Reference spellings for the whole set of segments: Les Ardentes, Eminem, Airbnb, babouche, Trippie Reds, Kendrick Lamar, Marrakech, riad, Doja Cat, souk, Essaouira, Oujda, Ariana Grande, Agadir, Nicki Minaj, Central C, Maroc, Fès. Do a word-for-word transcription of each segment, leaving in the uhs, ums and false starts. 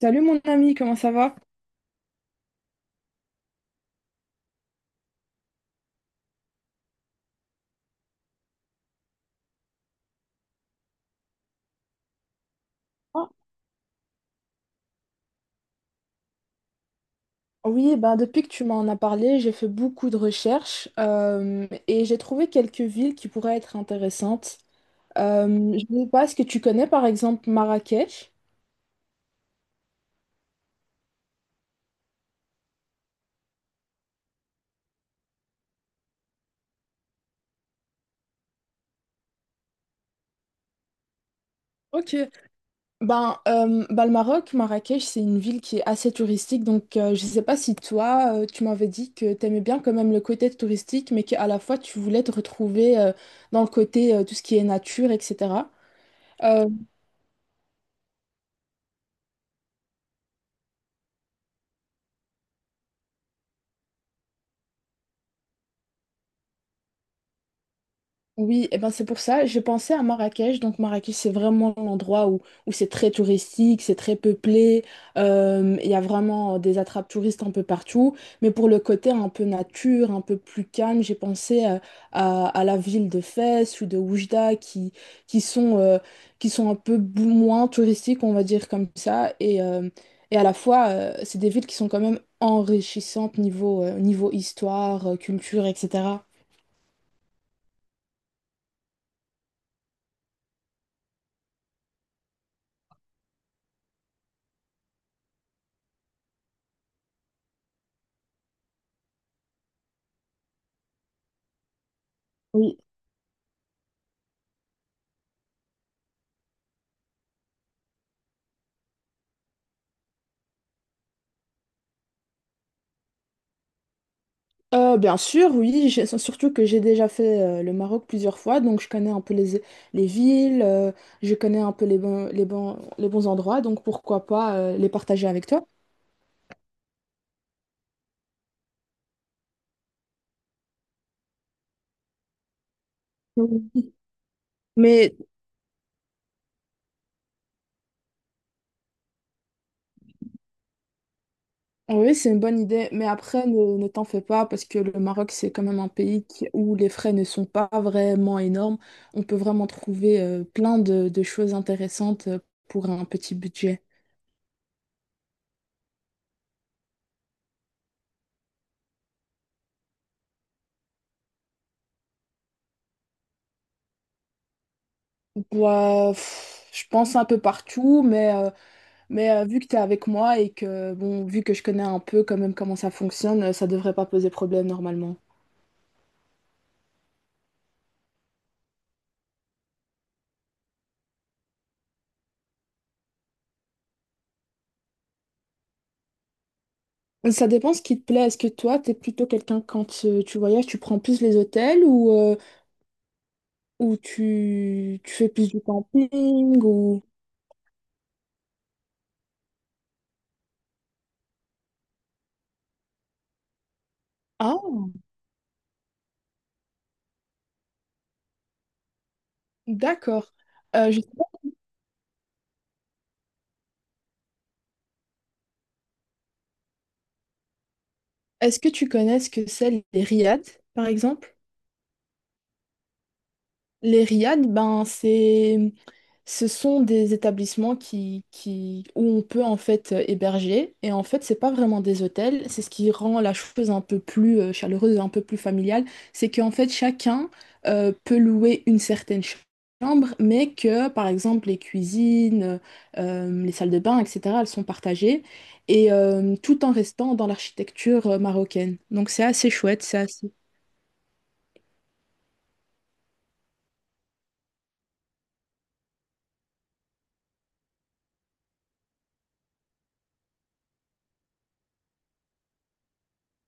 Salut mon ami, comment ça va? Oui, ben depuis que tu m'en as parlé, j'ai fait beaucoup de recherches, euh, et j'ai trouvé quelques villes qui pourraient être intéressantes. Euh, je ne sais pas, est-ce que tu connais par exemple Marrakech? Ok. Ben, euh, ben, le Maroc, Marrakech, c'est une ville qui est assez touristique, donc euh, je ne sais pas si toi, euh, tu m'avais dit que tu aimais bien quand même le côté touristique, mais qu'à la fois tu voulais te retrouver, euh, dans le côté, euh, tout ce qui est nature, et cetera. Oui, et ben c'est pour ça, j'ai pensé à Marrakech. Donc Marrakech, c'est vraiment l'endroit où, où c'est très touristique, c'est très peuplé, euh, il y a vraiment des attrapes touristes un peu partout. Mais pour le côté un peu nature, un peu plus calme, j'ai pensé, euh, à, à la ville de Fès ou de Oujda qui, qui sont, euh, qui sont un peu bou- moins touristiques, on va dire comme ça. Et, euh, et à la fois, euh, c'est des villes qui sont quand même enrichissantes niveau, euh, niveau histoire, euh, culture, et cetera. Euh, bien sûr, oui, j'ai- surtout que j'ai déjà fait euh, le Maroc plusieurs fois, donc je connais un peu les, les villes, euh, je connais un peu les bons, les bons, les bons endroits, donc pourquoi pas euh, les partager avec toi. Mhm. Mais oui, c'est une bonne idée, mais après, ne, ne t'en fais pas, parce que le Maroc, c'est quand même un pays qui- où les frais ne sont pas vraiment énormes. On peut vraiment trouver, euh, plein de, de choses intéressantes, euh, pour un petit budget. Bah, pff, je pense un peu partout, mais... euh, Mais euh, vu que tu es avec moi et que, bon, vu que je connais un peu quand même comment ça fonctionne, euh, ça devrait pas poser problème normalement. Ça dépend ce qui te plaît. Est-ce que toi, t'es plutôt quelqu'un quand, euh, tu voyages, tu prends plus les hôtels, ou, euh, ou tu, tu fais plus du camping ou... Ah, d'accord. Euh, je sais pas, est-ce que tu connais ce que c'est les riads, par exemple? Les riads, ben c'est, ce sont des établissements qui, qui, où on peut en fait euh, héberger. Et en fait, c'est pas vraiment des hôtels. C'est ce qui rend la chose un peu plus, euh, chaleureuse, et un peu plus familiale. C'est qu'en fait, chacun, euh, peut louer une certaine ch- chambre, mais que, par exemple, les cuisines, euh, euh, les salles de bain, et cetera, elles sont partagées. Et euh, tout en restant dans l'architecture, euh, marocaine. Donc c'est assez chouette, ça.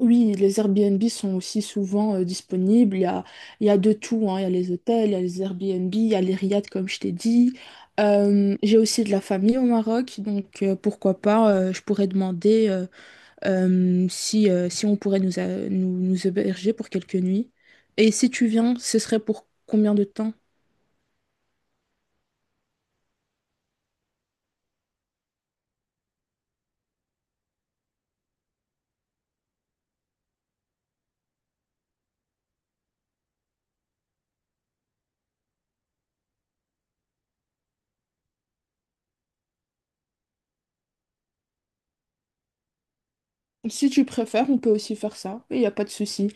Oui, les Airbnb sont aussi souvent euh, disponibles. Il y a, il y a de tout, hein. Il y a les hôtels, il y a les Airbnb, il y a les riads, comme je t'ai dit. Euh, j'ai aussi de la famille au Maroc, donc euh, pourquoi pas, euh, je pourrais demander, euh, euh, si, euh, si on pourrait nous, a- nous, nous héberger pour quelques nuits. Et si tu viens, ce serait pour combien de temps? Si tu préfères, on peut aussi faire ça, il n'y a pas de souci.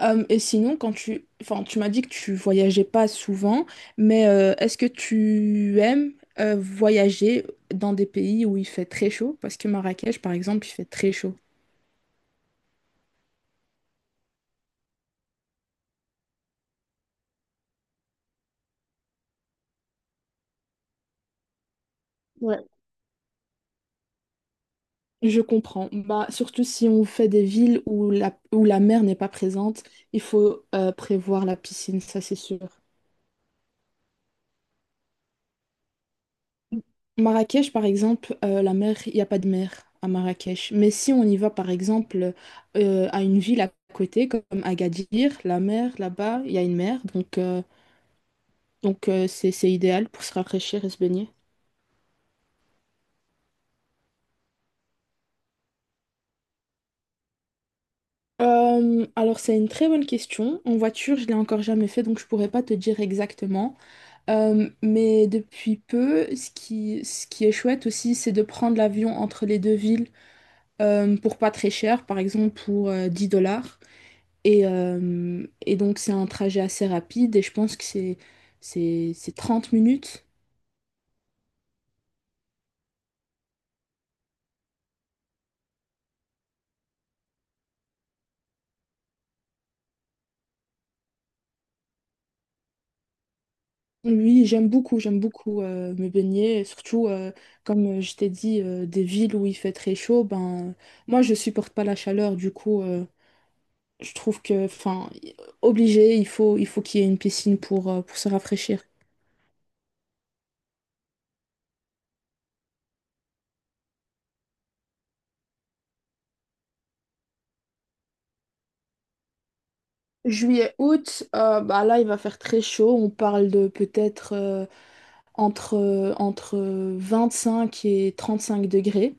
Euh, et sinon, quand tu, enfin, tu m'as dit que tu voyageais pas souvent, mais euh, est-ce que tu aimes, euh, voyager dans des pays où il fait très chaud? Parce que Marrakech, par exemple, il fait très chaud. Je comprends. Bah, surtout si on fait des villes où la, où la mer n'est pas présente, il faut euh, prévoir la piscine, ça c'est sûr. Marrakech, par exemple, euh, la mer, il n'y a pas de mer à Marrakech. Mais si on y va, par exemple, euh, à une ville à côté, comme Agadir, la mer, là-bas, il y a une mer. Donc, euh, donc euh, c'est, c'est idéal pour se rafraîchir et se baigner. Euh, alors, c'est une très bonne question. En voiture, je l'ai encore jamais fait, donc je pourrais pas te dire exactement. Euh, mais depuis peu, ce qui, ce qui est chouette aussi, c'est de prendre l'avion entre les deux villes, euh, pour pas très cher, par exemple pour euh, dix dollars. Et, euh, et donc c'est un trajet assez rapide et je pense que c'est c'est c'est trente minutes. Oui, j'aime beaucoup, j'aime beaucoup, euh, me baigner, et surtout, euh, comme euh, je t'ai dit, euh, des villes où il fait très chaud, ben moi je supporte pas la chaleur, du coup, euh, je trouve que enfin y- obligé, il faut il faut qu'il y ait une piscine pour, euh, pour se rafraîchir. Juillet, août, euh, bah là il va faire très chaud, on parle de peut-être, euh, entre, euh, entre cinq et trente cinq degrés.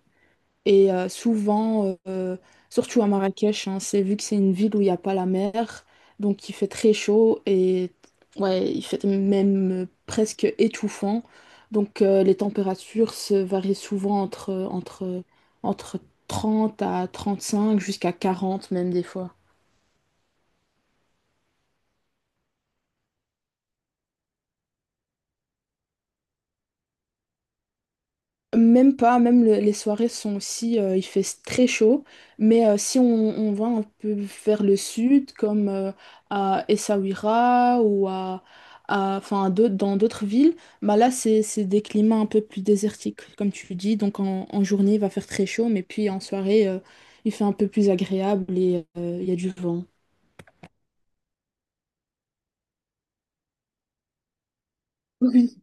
Et euh, souvent, euh, surtout à Marrakech, hein, c'est vu que c'est une ville où il n'y a pas la mer, donc il fait très chaud et ouais, il fait même euh, presque étouffant. Donc euh, les températures se varient souvent entre, entre, entre trente à trente-cinq jusqu'à quarante même des fois. Même pas, même le- les soirées sont aussi, euh, il fait très chaud, mais euh, si on, on va un peu vers le sud, comme euh, à Essaouira ou à, à- enfin, à d'autres- dans d'autres villes, bah là c'est c'est des climats un peu plus désertiques, comme tu dis. Donc en, en journée, il va faire très chaud, mais puis en soirée, euh, il fait un peu plus agréable et euh, il y a du vent. Oui,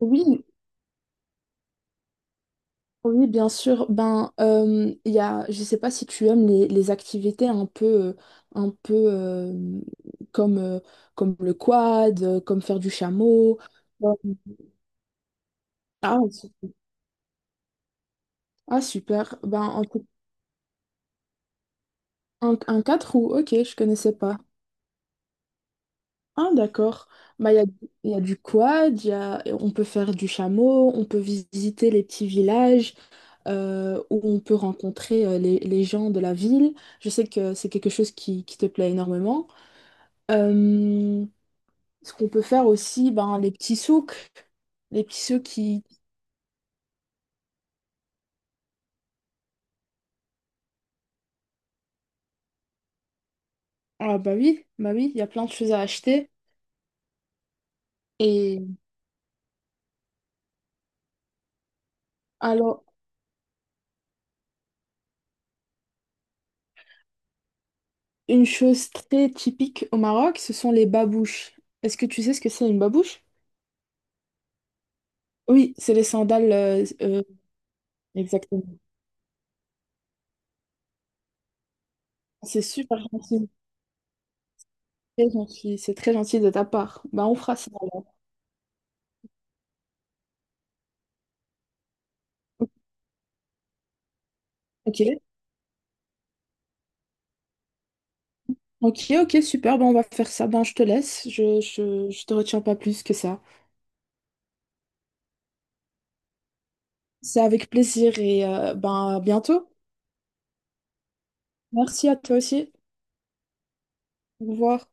oui, Oui, bien sûr. Ben, euh, il y a, je sais pas si tu aimes les, les activités un peu, euh, un peu euh, comme, euh, comme le quad, euh, comme faire du chameau. Ouais. Ah, super. Ah, super. Ben, en tout- un, un quatre roues, ok, je connaissais pas. Ah, d'accord. Ben, il y a, il y a du quad, il y a, on peut faire du chameau, on peut visiter les petits villages, euh, où on peut rencontrer, euh, les, les gens de la ville. Je sais que c'est quelque chose qui, qui te plaît énormément. Euh, Ce qu'on peut faire aussi, ben, les petits souks. Les petits souks qui... Ah bah oui, bah oui, il y a plein de choses à acheter. Et alors, une chose très typique au Maroc, ce sont les babouches. Est-ce que tu sais ce que c'est une babouche? Oui, c'est les sandales. Euh, euh, exactement. C'est super gentil. Très gentil. C'est très gentil de ta part. Ben, on fera ça alors. Ok. Ok, ok, super. Ben, on va faire ça. Ben, je te laisse. Je, je, je te retiens pas plus que ça. C'est avec plaisir et, euh, ben, à bientôt. Merci à toi aussi. Au revoir.